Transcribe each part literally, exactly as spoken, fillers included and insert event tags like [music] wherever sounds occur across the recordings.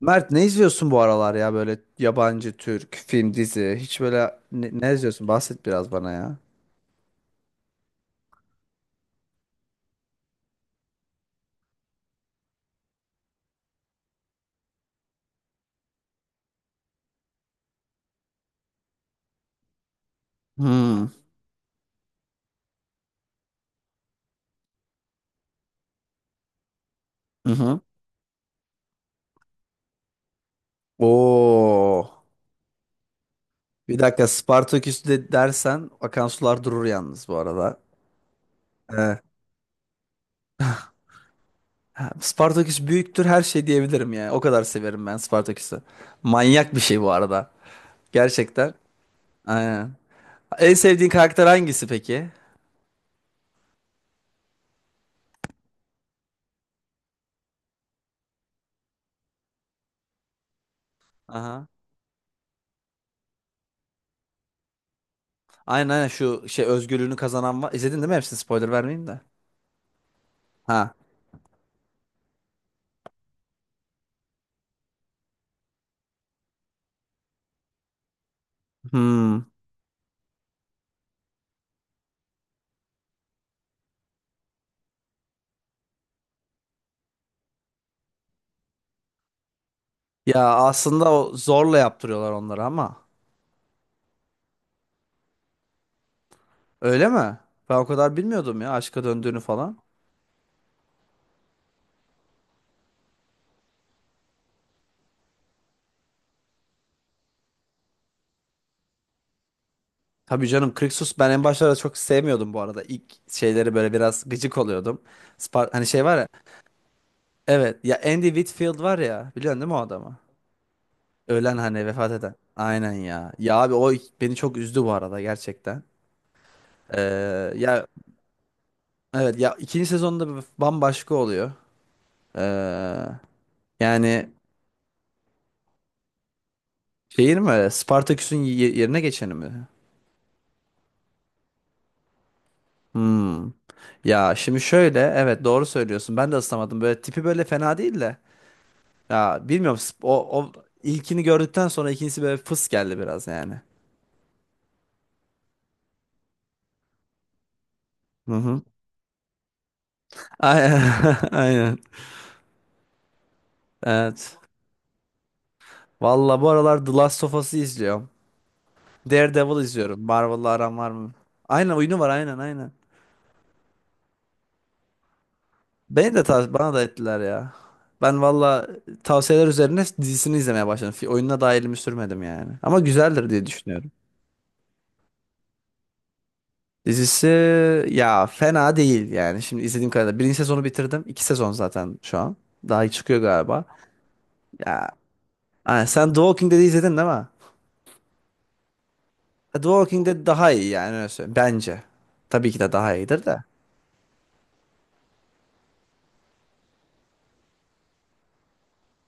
Mert ne izliyorsun bu aralar ya böyle yabancı, Türk, film, dizi? Hiç böyle ne, ne izliyorsun? Bahset biraz bana ya. Hmm. Hı hı. Oo. Bir dakika Spartaküs de dersen akan sular durur yalnız bu arada. Ee, Spartaküs büyüktür her şey diyebilirim yani. O kadar severim ben Spartaküs'ü. Manyak bir şey bu arada. Gerçekten. Aynen. En sevdiğin karakter hangisi peki? Aha. Aynen aynen şu şey özgürlüğünü kazanan var. İzledin değil mi hepsini? Spoiler vermeyeyim de. Ha. Hmm. Ya aslında o zorla yaptırıyorlar onları ama. Öyle mi? Ben o kadar bilmiyordum ya aşka döndüğünü falan. Tabii canım Krixus ben en başlarda çok sevmiyordum bu arada. İlk şeyleri böyle biraz gıcık oluyordum. Spar hani şey var ya. Evet ya Andy Whitfield var ya. Biliyorsun değil mi o adamı? Ölen hani vefat eden. Aynen ya. Ya abi o beni çok üzdü bu arada gerçekten. Ee, ya evet ya ikinci sezonda bir bambaşka oluyor. Ee, yani şeyin mi? Spartaküs'ün ye- yerine geçeni mi? Hmm. Ya şimdi şöyle evet doğru söylüyorsun. Ben de ıslamadım. Böyle tipi böyle fena değil de. Ya bilmiyorum sp- o, o ilkini gördükten sonra ikincisi böyle fıs geldi biraz yani. Hı hı. Aynen. [laughs] Aynen. Evet. Valla bu aralar The Last of Us'ı izliyorum. Daredevil izliyorum. Marvel'la aram var mı? Aynen oyunu var aynen aynen. Beni de tav- bana da ettiler ya. Ben valla tavsiyeler üzerine dizisini izlemeye başladım. Fi- Oyununa da elimi sürmedim yani. Ama güzeldir diye düşünüyorum. Dizisi ya fena değil yani. Şimdi izlediğim kadarıyla. Birinci sezonu bitirdim. İki sezon zaten şu an. Daha iyi çıkıyor galiba. Ya hani sen The Walking Dead'i izledin değil mi? The Walking Dead daha iyi yani öyle söyleyeyim. Bence. Tabii ki de daha iyidir de.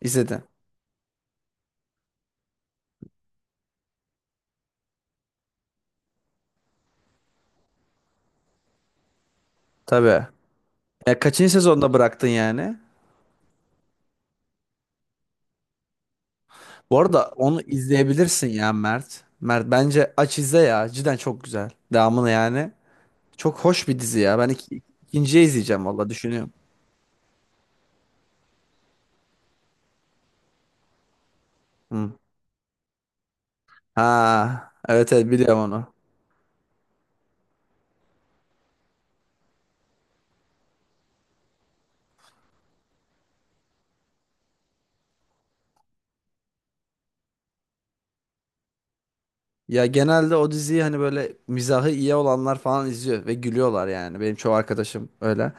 İzledin. Tabii. Ya kaçıncı sezonda bıraktın yani? Bu arada onu izleyebilirsin ya Mert. Mert bence aç izle ya. Cidden çok güzel. Devamını yani. Çok hoş bir dizi ya. Ben iki, ikinciye izleyeceğim valla düşünüyorum. Hı. Ha, evet evet biliyorum onu. Ya genelde o diziyi hani böyle mizahı iyi olanlar falan izliyor ve gülüyorlar yani. Benim çoğu arkadaşım öyle.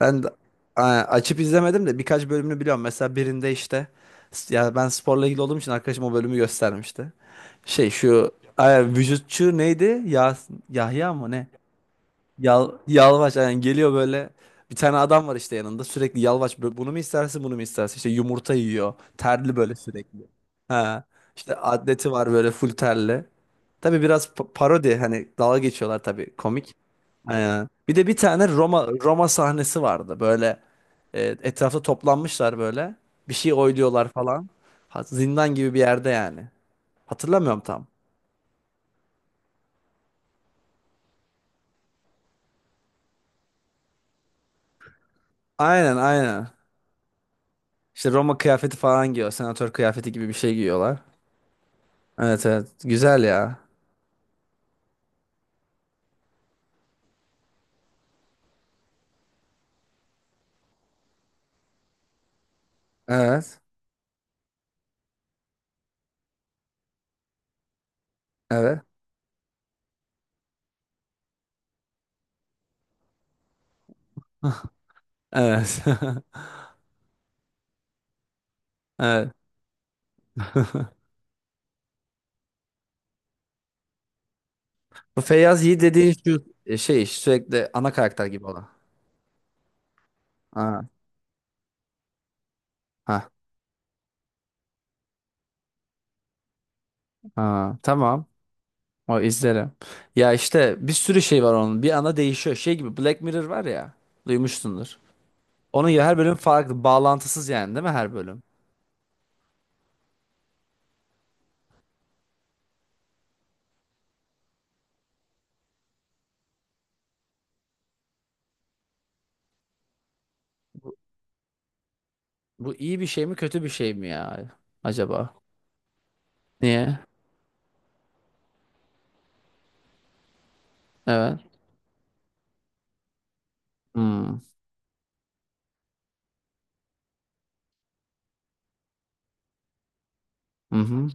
Ben de a- açıp izlemedim de birkaç bölümünü biliyorum. Mesela birinde işte s- ya ben sporla ilgili olduğum için arkadaşım o bölümü göstermişti. Şey şu ay, vücutçu neydi? Ya Yahya mı ne? Yal, yalvaç yani geliyor böyle bir tane adam var işte yanında sürekli yalvaç böyle bunu mu istersin bunu mu istersin işte yumurta yiyor terli böyle sürekli, ha, işte atleti var böyle full terli, tabii biraz pa- parodi hani dalga geçiyorlar tabii komik. Ee, bir de bir tane Roma Roma sahnesi vardı böyle, e, etrafta toplanmışlar böyle bir şey oyluyorlar falan. Ha, zindan gibi bir yerde yani, hatırlamıyorum tam. Aynen aynen işte Roma kıyafeti falan giyiyor, senatör kıyafeti gibi bir şey giyiyorlar. Evet evet. Güzel ya. Evet. Evet. [laughs] Evet. [laughs] Evet. [laughs] Bu Feyyaz Yiğit dediğin şu e, şey sürekli ana karakter gibi olan. Ha. Ha. Ha. Tamam. O izlerim. Ya işte bir sürü şey var onun. Bir ana değişiyor. Şey gibi Black Mirror var ya. Duymuşsundur. Onun ya her bölüm farklı. Bağlantısız yani değil mi her bölüm? Bu iyi bir şey mi kötü bir şey mi ya? Acaba? Niye? Evet. Hmm. Hı hı.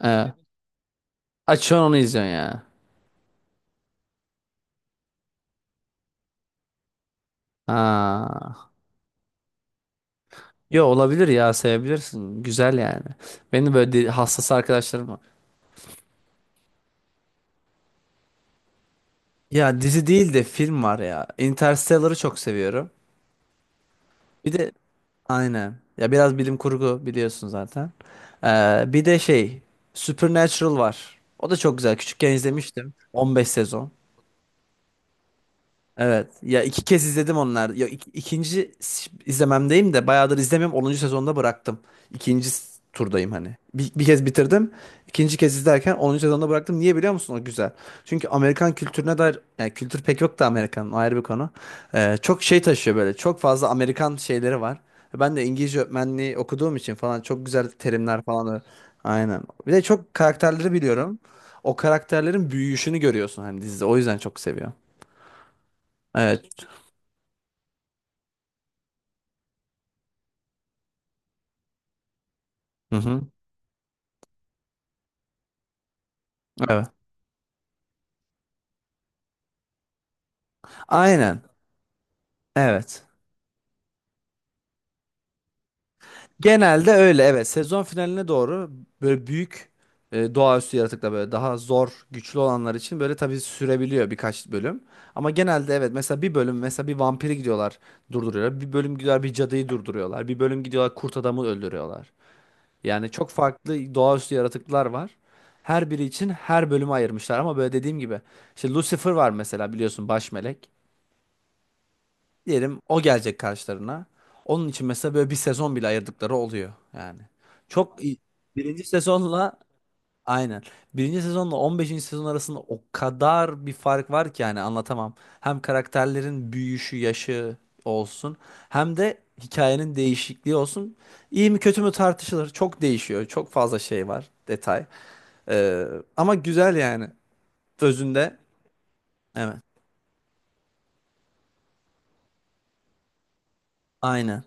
Evet. Açıyorsun onu izliyorsun ya. Ha. Yo, olabilir ya, sevebilirsin. Güzel yani. Benim böyle di- hassas arkadaşlarım var. Ya dizi değil de film var ya. Interstellar'ı çok seviyorum. Bir de aynen. Ya biraz bilim kurgu biliyorsun zaten. Ee, bir de şey Supernatural var. O da çok güzel. Küçükken izlemiştim. on beş sezon. Evet. Ya iki kez izledim onlar. Ya ik- ikinci s- izlememdeyim de bayağıdır izlemiyorum. Onuncu sezonda bıraktım. İkinci s- turdayım hani. Bir, bir kez bitirdim. İkinci kez izlerken onuncu sezonda bıraktım. Niye biliyor musun? O güzel. Çünkü Amerikan kültürüne dair yani kültür pek yok da, Amerikan'ın o ayrı bir konu. Ee, çok şey taşıyor böyle. Çok fazla Amerikan şeyleri var. Ben de İngilizce öğretmenliği okuduğum için falan çok güzel terimler falan. öğ- Aynen. Bir de çok karakterleri biliyorum. O karakterlerin büyüyüşünü görüyorsun hani dizide. O yüzden çok seviyorum. Evet. Hı hı. Evet. Aynen. Evet. Genelde öyle evet. Sezon finaline doğru böyle büyük e, doğaüstü yaratıklar, böyle daha zor, güçlü olanlar için böyle tabii sürebiliyor birkaç bölüm. Ama genelde evet, mesela bir bölüm mesela bir vampiri gidiyorlar durduruyorlar. Bir bölüm gidiyorlar bir cadıyı durduruyorlar. Bir bölüm gidiyorlar kurt adamı öldürüyorlar. Yani çok farklı doğaüstü yaratıklar var. Her biri için her bölümü ayırmışlar ama böyle dediğim gibi işte Lucifer var mesela, biliyorsun, baş melek. Diyelim o gelecek karşılarına. Onun için mesela böyle bir sezon bile ayırdıkları oluyor yani. Çok iyi. Birinci sezonla aynen. Birinci sezonla on beşinci sezon arasında o kadar bir fark var ki yani anlatamam. Hem karakterlerin büyüyüşü, yaşı olsun, hem de hikayenin değişikliği olsun. İyi mi kötü mü tartışılır. Çok değişiyor. Çok fazla şey var, detay. Ee, ama güzel yani özünde. Evet. Aynen.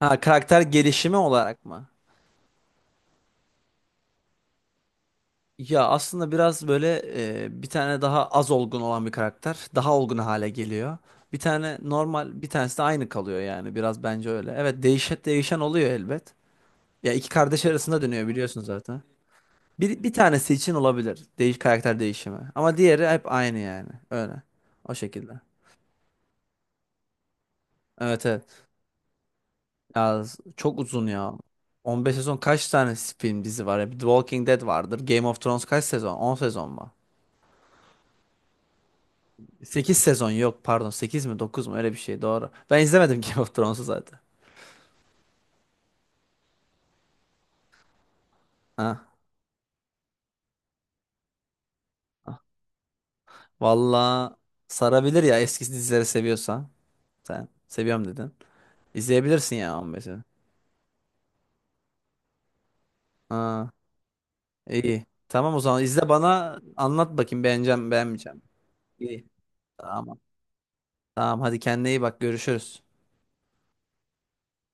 Ha, karakter gelişimi olarak mı? Ya aslında biraz böyle e, bir tane daha az olgun olan bir karakter daha olgun hale geliyor. Bir tane normal, bir tanesi de aynı kalıyor yani, biraz bence öyle. Evet, değişen değişen oluyor elbet. Ya iki kardeş arasında dönüyor biliyorsun zaten. Bir, bir tanesi için olabilir değiş karakter değişimi. Ama diğeri hep aynı yani. Öyle. O şekilde. Evet evet. Ya çok uzun ya. on beş sezon, kaç tane film dizi var ya? The Walking Dead vardır. Game of Thrones kaç sezon? On sezon mu? sekiz sezon yok, pardon, sekiz mi dokuz mu, öyle bir şey, doğru. Ben izlemedim Game of Thrones'u zaten. Ha. Valla sarabilir ya, eski dizileri seviyorsan. Sen seviyorum dedin. İzleyebilirsin ya on beşi. Ha, iyi. Tamam, o zaman izle, bana anlat bakayım beğeneceğim beğenmeyeceğim. İyi. Tamam. Tamam, hadi kendine iyi bak, görüşürüz.